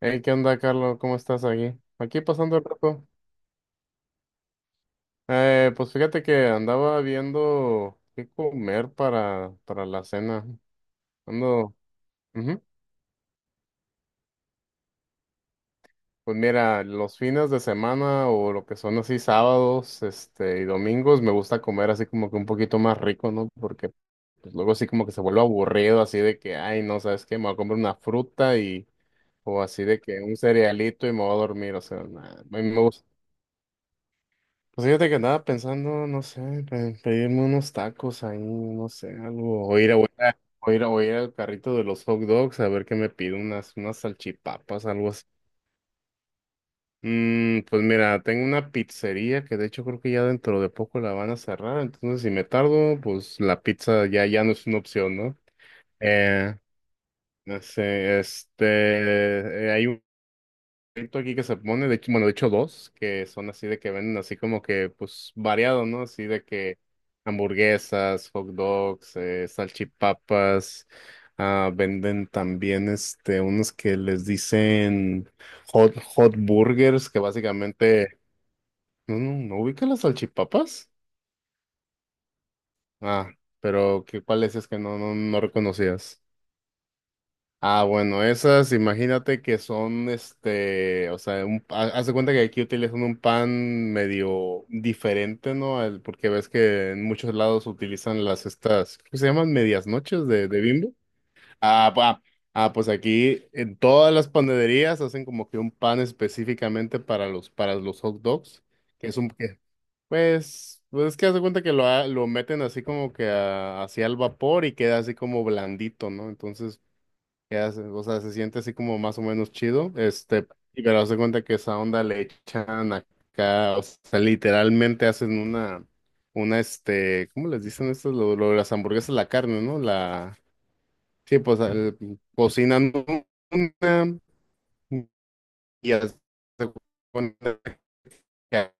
Hey, ¿qué onda, Carlos? ¿Cómo estás aquí? Aquí pasando el rato. Pues fíjate que andaba viendo qué comer para la cena. Ando, ujú. Pues mira, los fines de semana o lo que son así sábados, y domingos, me gusta comer así como que un poquito más rico, ¿no? Porque pues, luego así como que se vuelve aburrido, así de que, ay, no, ¿sabes qué? Me voy a comer una fruta y, o así de que un cerealito y me voy a dormir, o sea, nada, me gusta. Pues fíjate que andaba pensando, no sé, pedirme unos tacos ahí, no sé, algo, o ir a, o ir a, o ir al carrito de los hot dogs a ver qué me pido, unas salchipapas, algo así. Pues mira, tengo una pizzería que de hecho creo que ya dentro de poco la van a cerrar, entonces si me tardo, pues la pizza ya no es una opción, ¿no? Eh, no sé, hay carrito aquí que se pone, de hecho, bueno, de hecho dos, que son así de que venden así como que, pues, variado, ¿no? Así de que hamburguesas, hot dogs, salchipapas, ah, venden también, unos que les dicen hot burgers, que básicamente, no, no, ¿no ubica las salchipapas? Ah, pero, ¿qué, cuáles es que no reconocías? Ah, bueno, esas, imagínate que son, o sea, haz de cuenta que aquí utilizan un pan medio diferente, ¿no? Porque ves que en muchos lados utilizan las estas, ¿qué se llaman? Medias noches de Bimbo. Ah, pa- pues aquí en todas las panaderías hacen como que un pan específicamente para los hot dogs, que es pues es que haz de cuenta que lo meten así como que hacia el vapor y queda así como blandito, ¿no? Entonces, que hace, o sea, se siente así como más o menos chido, y pero haz de cuenta que esa onda le echan acá, o sea, literalmente hacen una, ¿cómo les dicen estas? Lo de las hamburguesas, la carne, ¿no? La, sí, pues, cocinan una y haz de cuenta que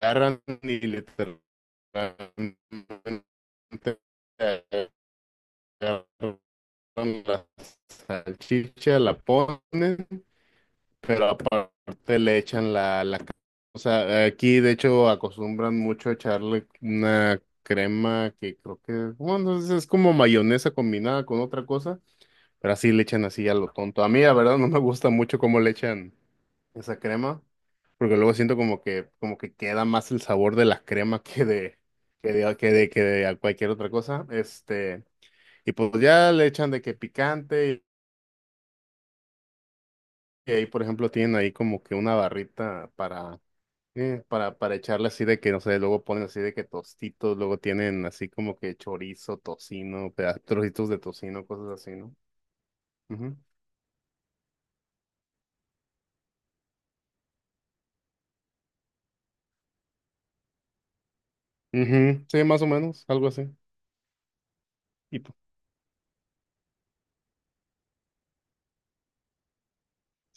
agarran y literalmente agarran la salchicha, la ponen. Pero aparte le echan la. O sea, aquí de hecho acostumbran mucho a echarle una crema que creo que, bueno, es como mayonesa combinada con otra cosa, pero así le echan así a lo tonto. A mí, la verdad, no me gusta mucho cómo le echan esa crema, porque luego siento como que queda más el sabor de la crema que de a cualquier otra cosa. Y pues ya le echan de que picante, y ahí, por ejemplo, tienen ahí como que una barrita para echarle así de que, no sé, luego ponen así de que tostitos, luego tienen así como que chorizo, tocino, trocitos de tocino, cosas así, ¿no? Ujú. Ujú, sí, más o menos, algo así. Y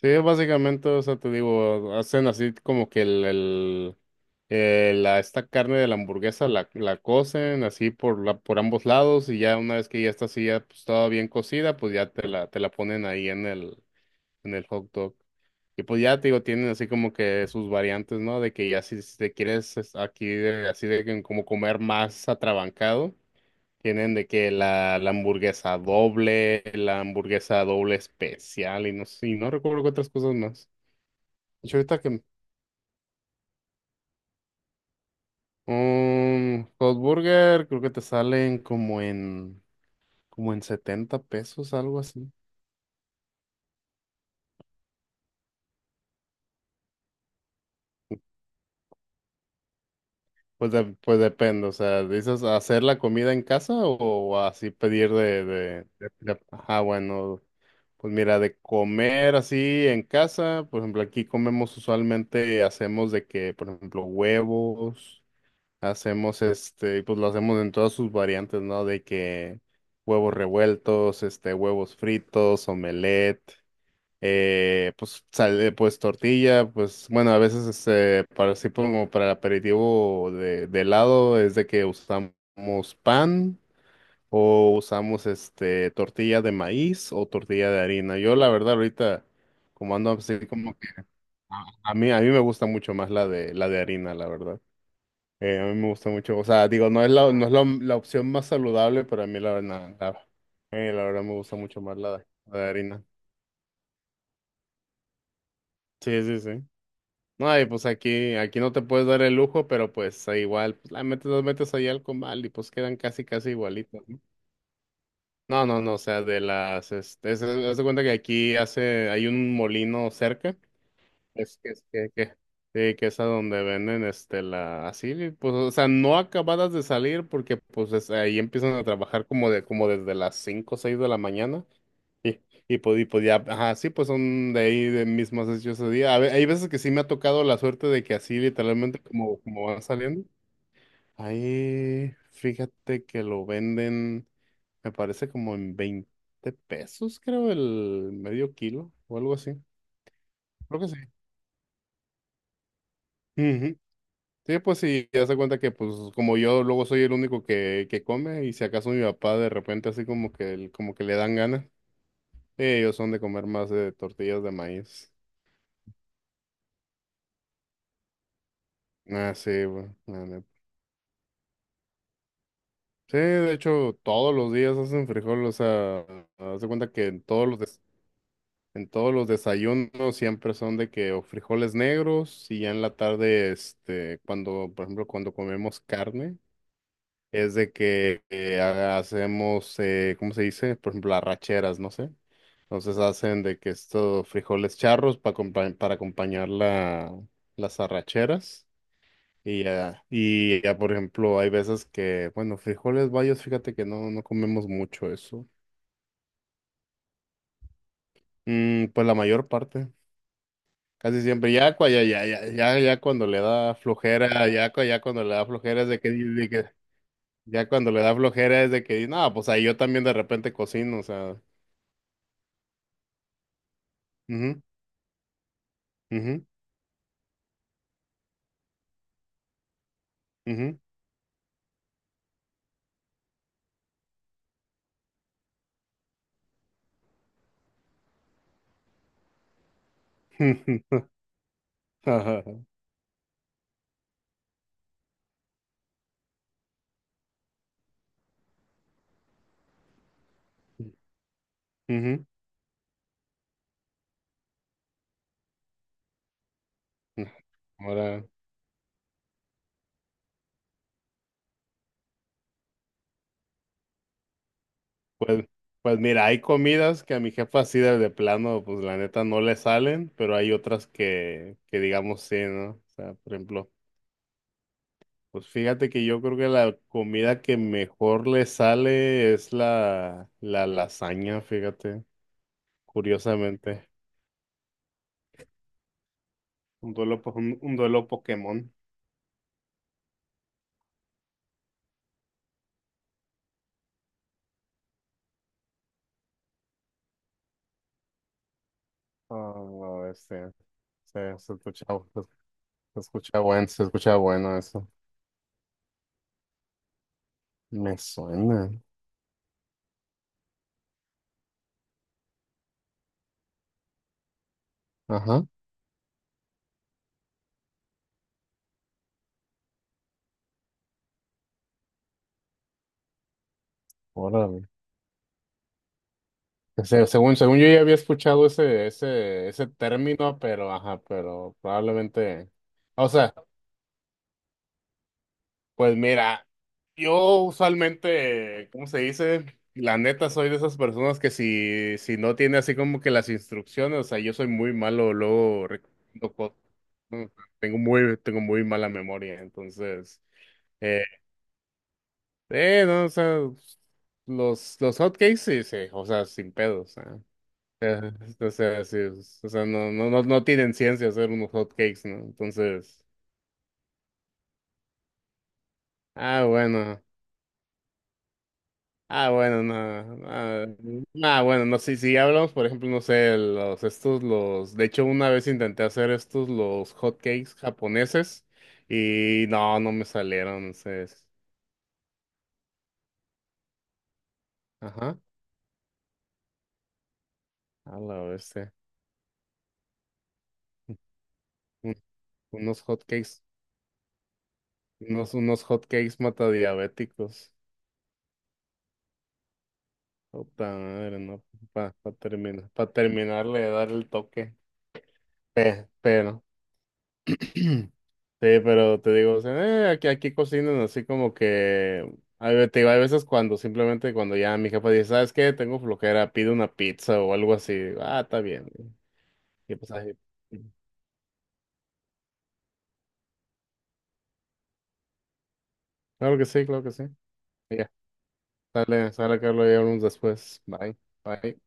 sí, básicamente, o sea, te digo, hacen así como que esta carne de la hamburguesa la cocen así por ambos lados y ya una vez que ya está así, ya pues, toda bien cocida, pues ya te la ponen ahí en el hot dog. Y pues ya te digo, tienen así como que sus variantes, ¿no? De que ya si te quieres aquí así de que como comer más atrabancado, tienen de que la hamburguesa doble, la hamburguesa doble especial y no sé, y no recuerdo qué otras cosas más. De hecho, ahorita que un hot burger creo que te salen como en 70 pesos, algo así. Pues, pues depende, o sea, ¿dices hacer la comida en casa o así pedir? Ajá, bueno, pues mira, de comer así en casa, por ejemplo, aquí comemos usualmente, hacemos de que, por ejemplo, huevos, hacemos pues lo hacemos en todas sus variantes, ¿no? De que huevos revueltos, huevos fritos, omelette pues sale, pues tortilla, pues bueno, a veces para así como para el aperitivo de helado es de que usamos pan o usamos tortilla de maíz o tortilla de harina. Yo la verdad ahorita como ando así como que a, a mí me gusta mucho más la de harina, la verdad. A mí me gusta mucho, o sea, digo, no es la opción más saludable, pero a mí la verdad me gusta mucho más la de harina. Sí, sí, sí. No, y pues aquí no te puedes dar el lujo, pero pues ahí igual, pues la metes, las metes ahí al comal y pues quedan casi, casi igualitas, ¿no? No, no, no, o sea, de las, este, es- haz de cuenta que aquí hay un molino cerca, es que, sí, que es a donde venden, pues, o sea, no acabadas de salir porque, pues, ahí empiezan a trabajar como desde las 5 o 6 de la mañana. Y, y podía, ajá, sí, pues son de ahí de mis más ese día. Hay veces que sí me ha tocado la suerte de que así literalmente como van saliendo. Ahí, fíjate que lo venden, me parece como en 20 pesos, creo, el medio kilo o algo así. Creo que sí. Ujú. Sí, pues sí, ya se cuenta que pues como yo luego soy el único que come y si acaso mi papá de repente así como que, como que le dan ganas, ellos son de comer más de tortillas de maíz. Ah, sí, güey. La neta. Sí, de hecho, todos los días hacen frijol, o sea, haz de cuenta que en todos los desayunos siempre son de que o frijoles negros y ya en la tarde, cuando, por ejemplo, cuando comemos carne, es de que hacemos, ¿cómo se dice? Por ejemplo, arracheras, no sé. Entonces hacen de que estos frijoles charros para acompañar las arracheras. Y ya, por ejemplo, hay veces que, bueno, frijoles bayos, fíjate que no comemos mucho eso. Pues la mayor parte, casi siempre. Ya cuando le da flojera, ya cuando le da flojera es de que, ya cuando le da flojera es de que, no, pues ahí yo también de repente cocino, o sea. Ujú, ujú, ujú, ujú, ujú. Ahora. Pues, pues mira, hay comidas que a mi jefa así de plano, pues la neta no le salen, pero hay otras que digamos sí, ¿no? O sea, por ejemplo, pues fíjate que yo creo que la comida que mejor le sale es la lasaña, fíjate, curiosamente. Un duelo Pokémon. Ah, se escucha, se, se escucha bueno eso. Me suena. Ajá. O sea, según yo ya había escuchado ese término, pero ajá, pero probablemente. O sea, pues mira, yo usualmente, ¿cómo se dice? La neta soy de esas personas que si no tiene así como que las instrucciones, o sea, yo soy muy malo, luego recuerdo cosas, ¿no? Tengo muy mala memoria, entonces. Eh, no, o sea, los hotcakes sí, sí, o sea, sin pedos. Ah. Eh, o sea, sí, o sea, no tienen ciencia hacer unos hot cakes, ¿no? Entonces, ah, bueno, ah, bueno, no, ah, bueno, no, si hablamos, por ejemplo, no sé, de hecho, una vez intenté hacer los hot cakes japoneses, y no me salieron, entonces, ajá, a la bestia, un- unos hot cakes, unos hot cakes matadiabéticos, puta madre, no, para para terminarle de dar el toque. Pero, sí, pero te digo, o sea, aquí cocinan así como que, te digo, hay veces cuando simplemente cuando ya mi jefa dice, ¿sabes qué? Tengo flojera, pido una pizza o algo así. Digo, ah, está bien. Y pues ahí- Claro que sí, claro que sí. Y ya, sale, sale, Carlos, y hablamos después. Bye, bye.